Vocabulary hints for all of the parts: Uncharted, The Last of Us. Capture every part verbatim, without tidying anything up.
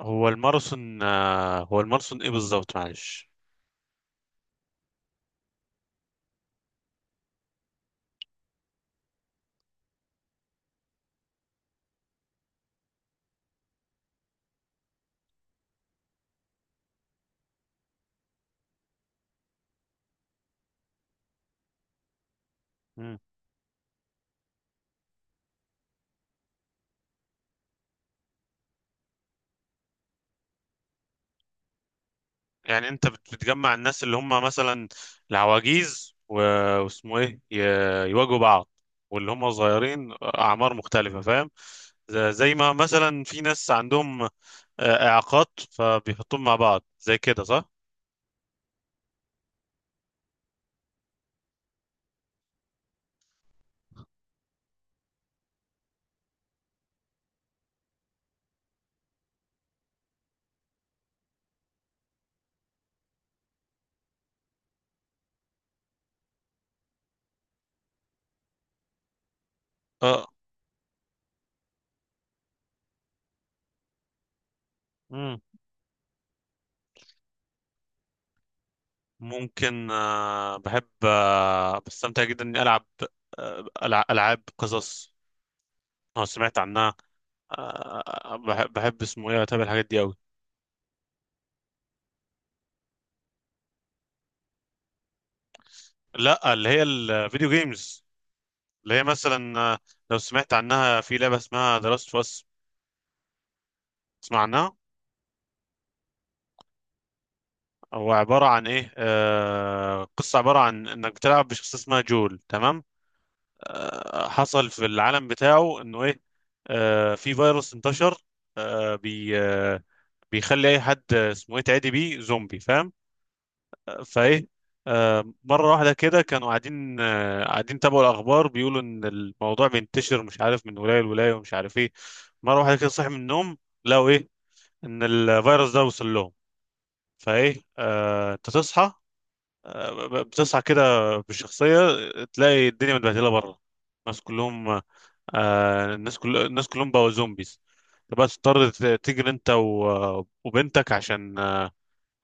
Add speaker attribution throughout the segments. Speaker 1: هو الماراثون آه، هو الماراثون ايه بالظبط؟ معلش. مم. يعني انت بت- بتجمع الناس اللي هم مثلا العواجيز و- واسمه ايه ي- يواجهوا بعض، واللي هم صغيرين اعمار مختلفة، فاهم؟ ز- زي ما مثلا في ناس عندهم آه، اعاقات، فبيحطوهم مع بعض زي كده، صح؟ اه. مم. ممكن. آه، بحب، آه، بستمتع جدا اني العب آه، ألع- العاب قصص. اه، سمعت عنها. آه، بحب, بحب اسمه ايه اتابع الحاجات دي قوي. لا، اللي هي الفيديو جيمز، اللي هي مثلا. آه، لو سمعت عنها، في لعبه اسمها ذا لاست اوف اس، تسمع عنها؟ هو عباره عن ايه؟ آه قصه عباره عن انك بتلعب بشخص اسمها جول، تمام. آه حصل في العالم بتاعه انه ايه، آه في فيروس انتشر، آه بي آه بيخلي اي حد، آه، اسمه ايه، تعدي بيه زومبي، فاهم؟ فايه، آه، مرة واحدة كده كانوا قاعدين آه، قاعدين تابعوا الأخبار، بيقولوا إن الموضوع بينتشر، مش عارف من ولاية لولاية ومش عارف إيه. مرة واحدة كده صحي من النوم، لقوا إيه؟ إن الفيروس ده وصل لهم. فإيه، آه، أنت تصحى، آه، ب- بتصحى كده بالشخصية، تلاقي الدنيا متبهدلة بره، الناس كلهم، آه، الناس كل الناس كلهم بقوا زومبيز. تبقى تضطر ت- تجري أنت و- وبنتك عشان آه،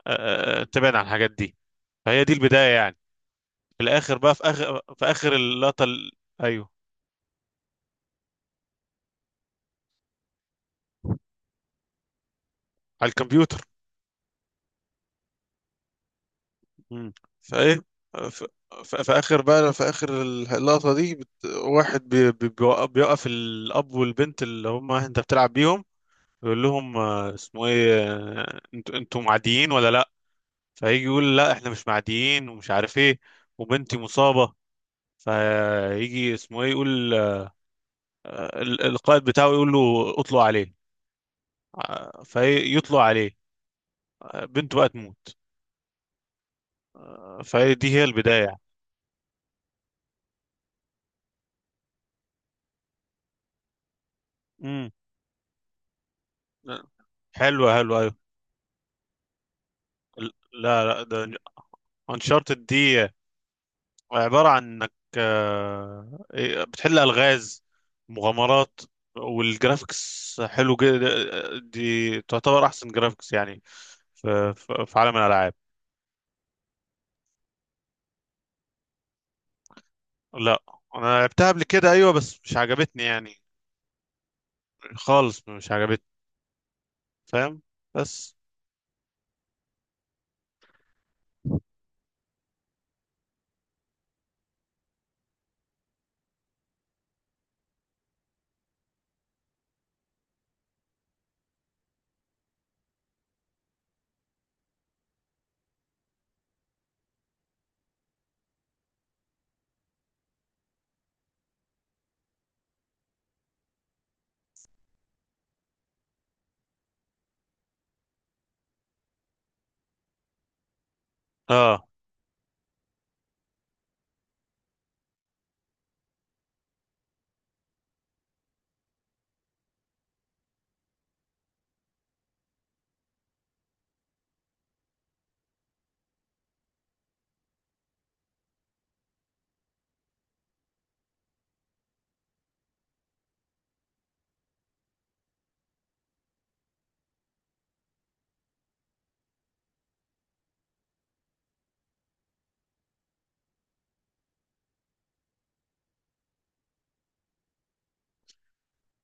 Speaker 1: آه، آه، تبعد عن الحاجات دي. فهي دي البداية يعني. في الاخر بقى في اخر في اخر اللقطه ال- ايوه. على الكمبيوتر. مم. فايه، في, في اخر بقى في اخر اللقطه دي بت... واحد بي... بي... بيوقف بيوقف الاب والبنت اللي هم انت بتلعب بيهم، يقول لهم، آه، اسمه ايه، آه، انتوا انتوا معديين ولا لا؟ فيجي يقول: لا احنا مش معديين ومش عارف ايه، وبنتي مصابه. فيجي اسمه ايه يقول، آه، ال- القائد بتاعه يقول له: اطلق عليه. آه، فيطلق عليه، آه، بنته بقى تموت. فهي دي هي البداية يعني. امم. حلوة حلوة، أيوة. ال- لا، لا، ده أنشارتد دي، عبارة عن إنك آه، إيه، بتحل ألغاز، مغامرات، والجرافيكس حلو جدا، دي تعتبر أحسن جرافيكس يعني في, في في عالم الألعاب. لا، أنا لعبتها قبل كده أيوة، بس مش عجبتني يعني، خالص مش عجبتني، فاهم؟ بس. آه.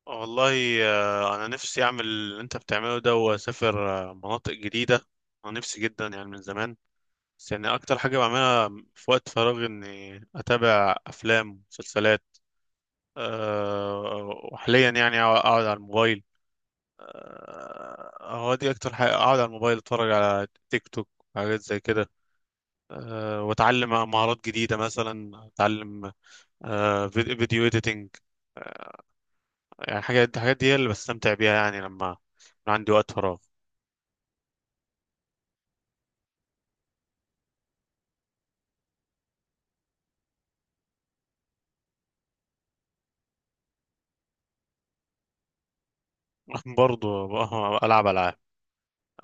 Speaker 1: والله، آه، انا نفسي اعمل اللي انت بتعمله ده، واسافر آه، مناطق جديده. انا نفسي جدا يعني من زمان. بس يعني اكتر حاجه بعملها في وقت فراغي اني اتابع افلام ومسلسلات. أه. وحاليا يعني أقع- اقعد على الموبايل. أه، هو دي اكتر حاجه، اقعد على الموبايل اتفرج على تيك توك، حاجات زي كده. أه، واتعلم مهارات جديده، مثلا اتعلم أه فيديو اديتنج. يعني حاجات الحاجات دي هي اللي بستمتع بيها يعني، لما يكون عندي وقت فراغ. برضه بقى- العب العاب.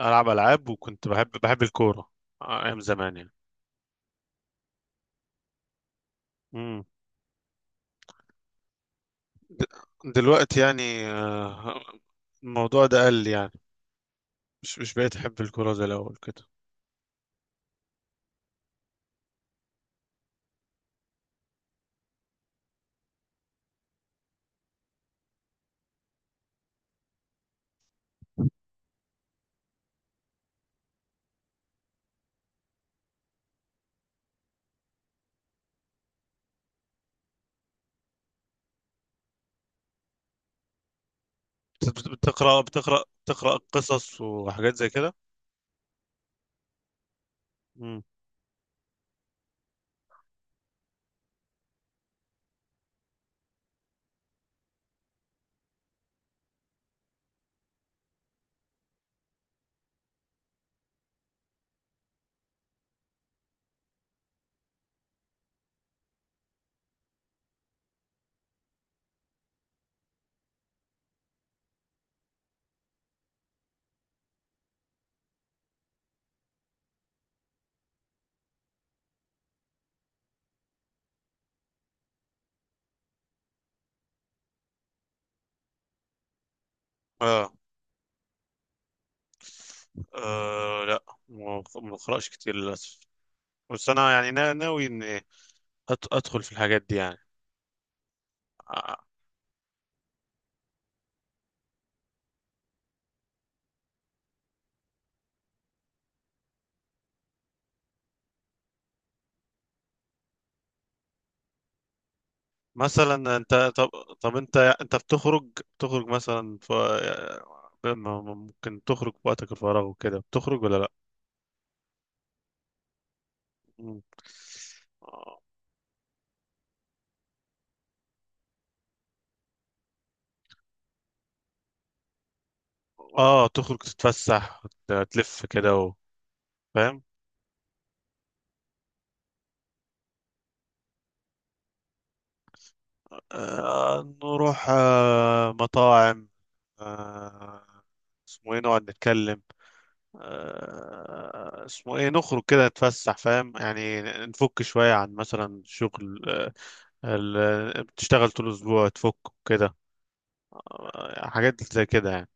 Speaker 1: العب العاب، وكنت بحب بحب الكوره، ايام زمان يعني. امم. د- دلوقتي يعني، آه، الموضوع ده قل يعني، مش مش بقيت احب الكوره زي الاول كده. بت- بتقرا بتقرا بتقرا قصص وحاجات زي كده؟ امم. اه. آه لا، ما ما بقراش كتير للاسف، بس انا يعني نا- ناوي اني أت- ادخل في الحاجات دي. يعني مثلا انت، طب. طب، انت انت بتخرج، بتخرج مثلا، ف ممكن تخرج في وقتك الفراغ وكده، بتخرج ولا لا؟ مم. اه، تخرج تتفسح وت- تلف كده و- فاهم؟ آه نروح آه مطاعم، آه اسمه ايه، نقعد نتكلم، آه اسمه ايه، نخرج كده نتفسح، فاهم يعني، نفك شوية عن مثلا شغل، آه، ال- بتشتغل طول الأسبوع تفك كده، حاجات زي كده يعني.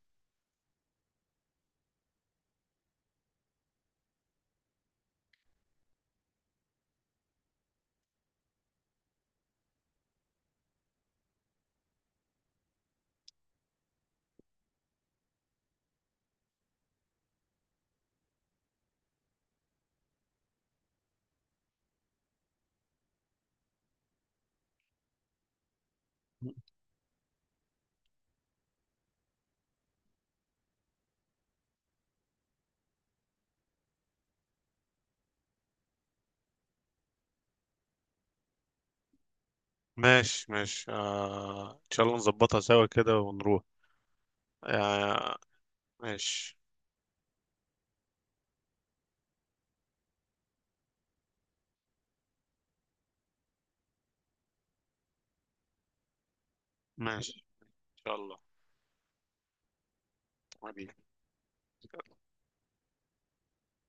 Speaker 1: ماشي، ماشي، آه ان شاء الله نظبطها سوا كده ونروح. آه. ماشي. ماشي ان شاء الله. حبيبي.